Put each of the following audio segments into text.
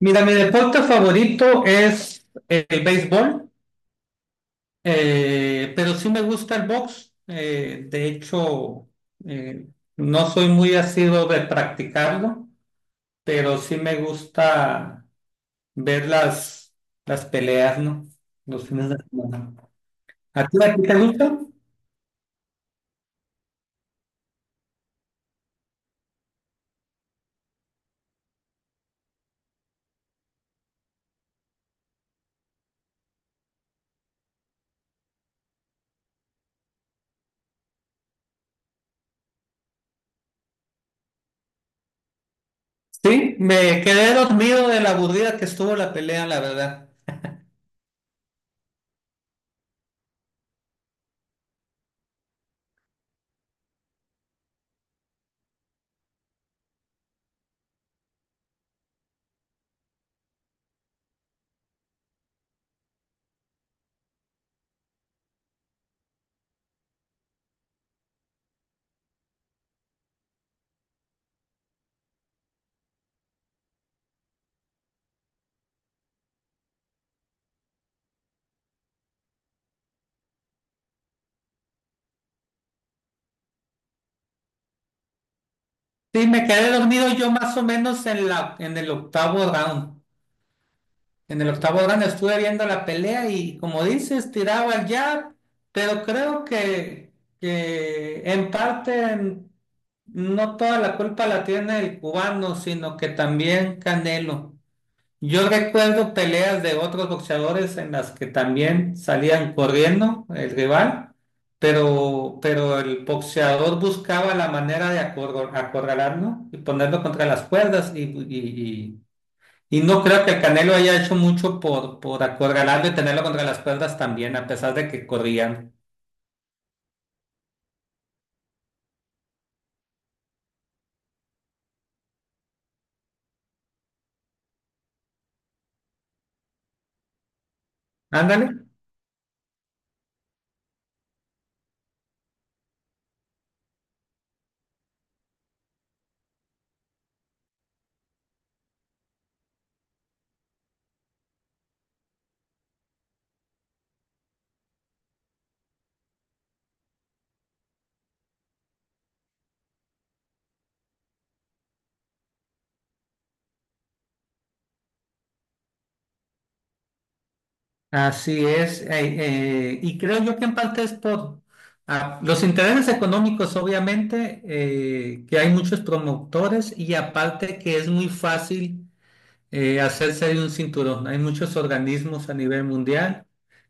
Mira, mi deporte favorito es el béisbol. Pero sí me gusta el box. De hecho, eh, no soy muy asiduo de practicarlo, pero sí me gusta ver las peleas, ¿no? Los fines de semana. ¿A ti te gusta? Sí, me quedé dormido de la aburrida que estuvo la pelea, la verdad. Sí, me quedé dormido yo más o menos en el octavo round. En el octavo round estuve viendo la pelea y como dices, tiraba el jab, pero creo que en parte no toda la culpa la tiene el cubano, sino que también Canelo. Yo recuerdo peleas de otros boxeadores en las que también salían corriendo el rival, pero el boxeador buscaba la manera de acorralarlo y ponerlo contra las cuerdas y no creo que Canelo haya hecho mucho por acorralarlo y tenerlo contra las cuerdas también, a pesar de que corrían. Ándale. Así es. Y creo yo que en parte es por los intereses económicos, obviamente, que hay muchos promotores y aparte que es muy fácil hacerse de un cinturón. Hay muchos organismos a nivel mundial,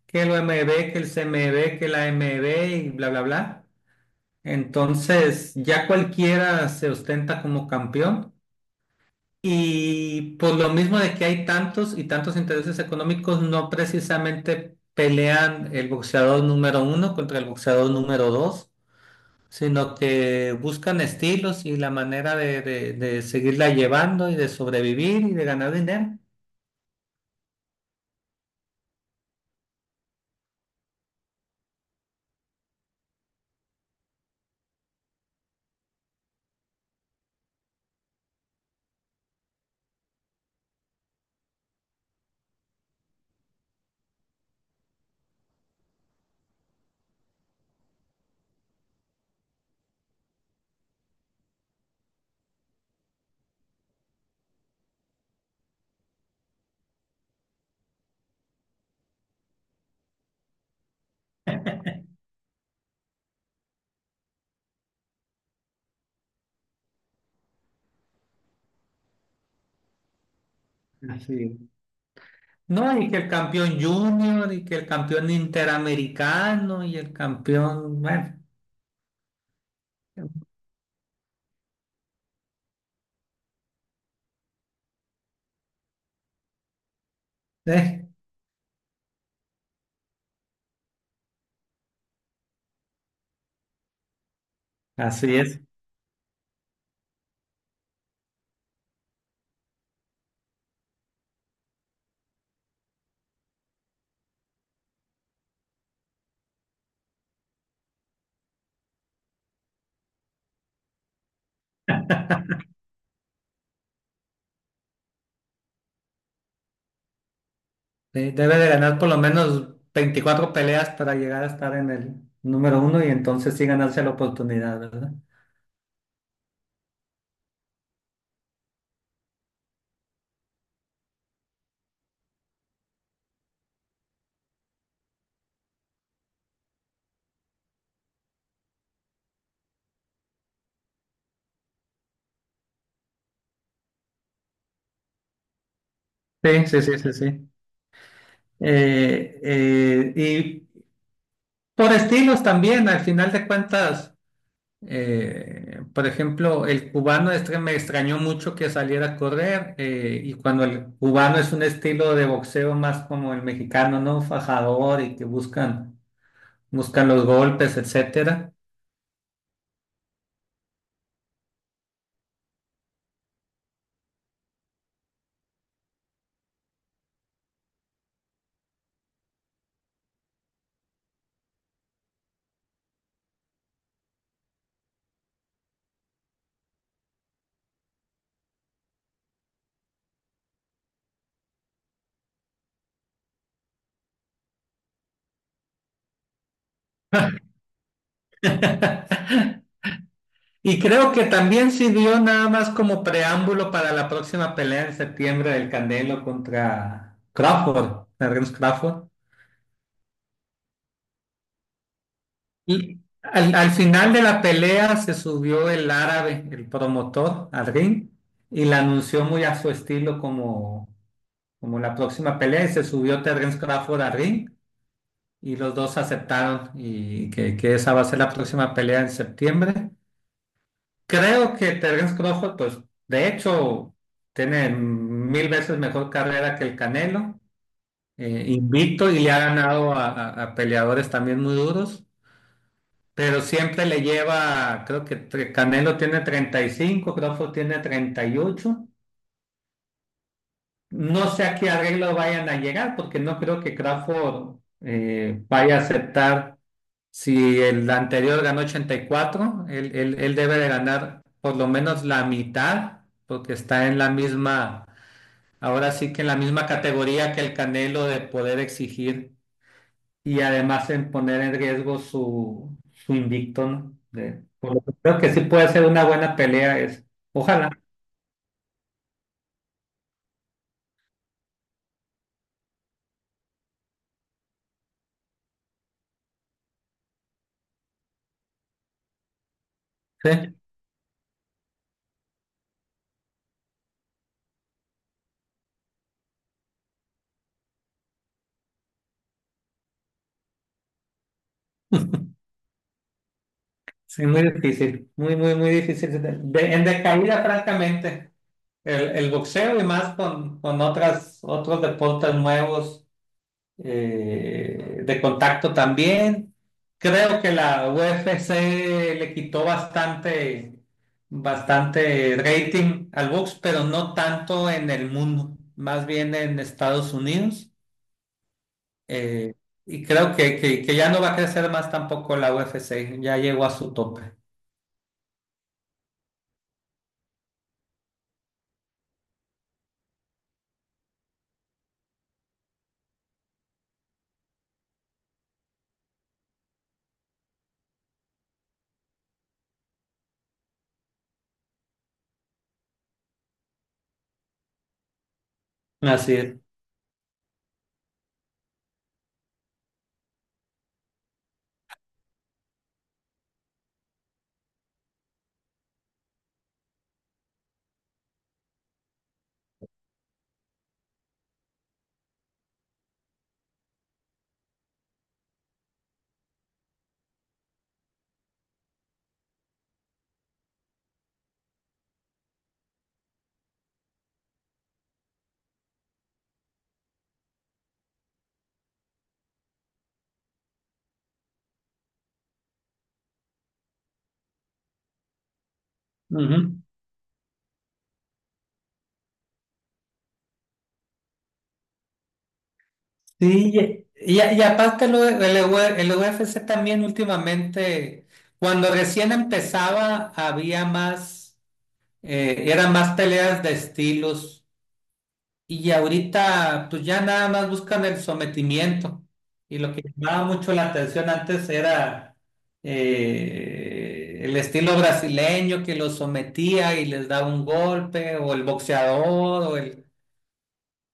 que el OMB, que el CMB, que la AMB y bla, bla, bla. Entonces, ya cualquiera se ostenta como campeón y por lo mismo de que hay tantos y tantos intereses económicos, no precisamente pelean el boxeador número uno contra el boxeador número dos, sino que buscan estilos y la manera de seguirla llevando y de sobrevivir y de ganar dinero. Así No, y que el campeón junior y que el campeón interamericano y el campeón, bueno, eh, así es. Debe de ganar por lo menos 24 peleas para llegar a estar en el número uno y entonces sí ganarse la oportunidad, ¿verdad? Sí, sí, sí, sí, sí. Y por estilos también, al final de cuentas, por ejemplo, el cubano este me extrañó mucho que saliera a correr y cuando el cubano es un estilo de boxeo más como el mexicano, ¿no? Fajador y que buscan los golpes, etcétera. Y creo que también sirvió nada más como preámbulo para la próxima pelea en septiembre del Candelo contra Crawford, Terence Crawford. Y al final de la pelea se subió el árabe, el promotor, al ring y la anunció muy a su estilo como la próxima pelea y se subió Terence Crawford al ring y los dos aceptaron y que esa va a ser la próxima pelea en septiembre. Creo que Terence Crawford, pues, de hecho, tiene mil veces mejor carrera que el Canelo, invicto y le ha ganado a peleadores también muy duros, pero siempre le lleva, creo que Canelo tiene 35, Crawford tiene 38. No sé a qué arreglo vayan a llegar, porque no creo que Crawford vaya a aceptar. Si el anterior ganó 84, él debe de ganar por lo menos la mitad, porque está en la misma, ahora sí que en la misma categoría que el Canelo de poder exigir y además en poner en riesgo su invicto, ¿no? Por lo que creo que sí puede ser una buena pelea. Es Ojalá. Sí, sí, muy difícil, muy, muy, muy difícil. En decaída, francamente, el boxeo y más con otros deportes nuevos de contacto también. Creo que la UFC le quitó bastante rating al box, pero no tanto en el mundo, más bien en Estados Unidos. Eh, y creo que ya no va a crecer más tampoco la UFC, ya llegó a su tope. Así es. Ujú. Sí, y aparte lo- el, UE el UFC también últimamente, cuando recién empezaba, había más. Eran más peleas de estilos y ahorita pues ya nada más buscan el sometimiento. Y lo que llamaba mucho la atención antes era el estilo brasileño que los sometía y les daba un golpe, o el boxeador, o el,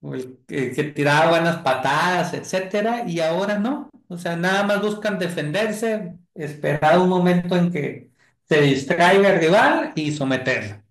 o el que tiraba buenas patadas, etcétera, y ahora no. O sea, nada más buscan defenderse, esperar un momento en que se distraiga el rival y someterlo.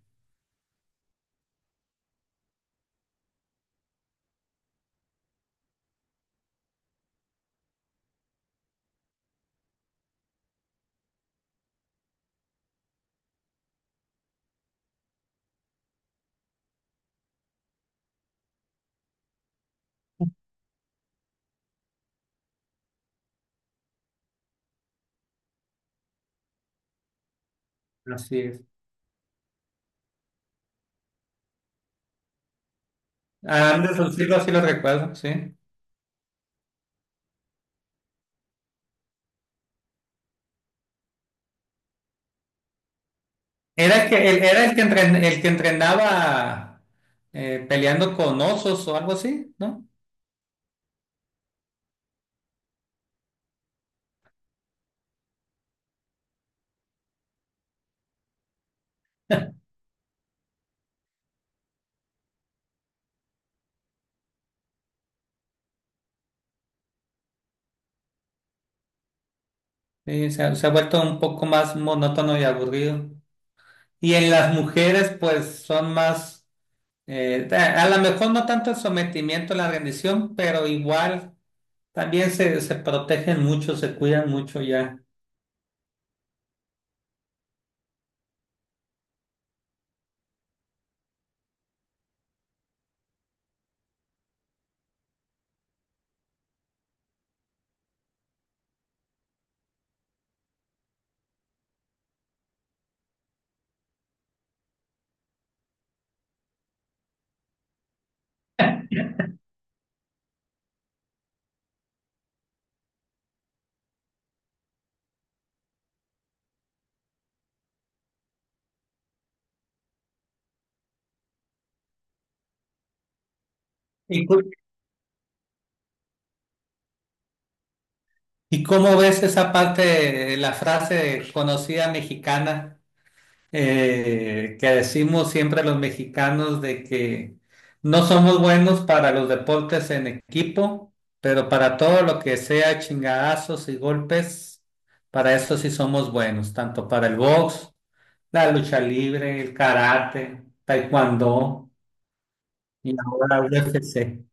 Así es. Anderson Silva sí lo recuerdo, sí. Era el que, el que entrenaba peleando con osos o algo así, ¿no? Sí, se ha vuelto un poco más monótono y aburrido. Y en las mujeres, pues son más, a lo mejor no tanto el sometimiento, la rendición, pero igual también se protegen mucho, se cuidan mucho ya. ¿Y, cu- y cómo ves esa parte, la frase conocida mexicana? Que decimos siempre los mexicanos de que no somos buenos para los deportes en equipo, pero para todo lo que sea chingadazos y golpes, para eso sí somos buenos, tanto para el box, la lucha libre, el karate, taekwondo y ahora UFC.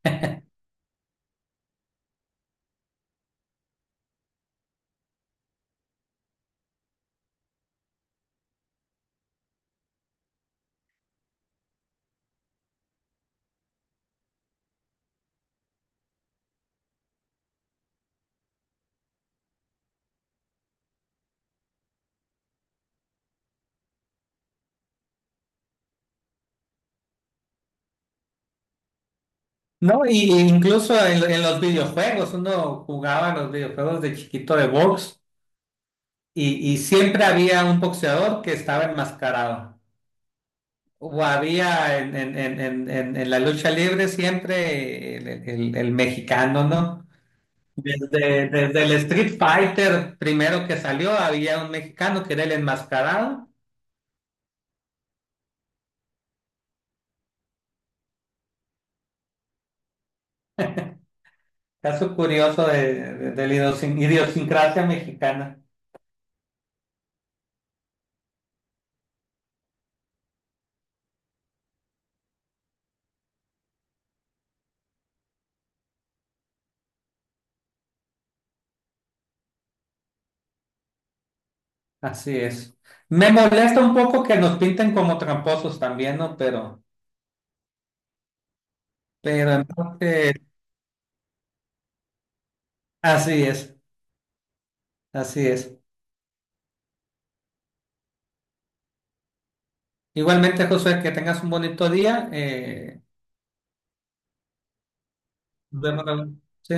No, y incluso en los videojuegos, uno jugaba los videojuegos de chiquito de box y siempre había un boxeador que estaba enmascarado. O había en la lucha libre siempre el mexicano, ¿no? Desde el Street Fighter primero que salió había un mexicano que era el enmascarado. Caso curioso de la idiosincrasia mexicana. Así es. Me molesta un poco que nos pinten como tramposos también, ¿no? Pero en parte, así es, así es. Igualmente, Josué, que tengas un bonito día. Nos vemos luego. Sí.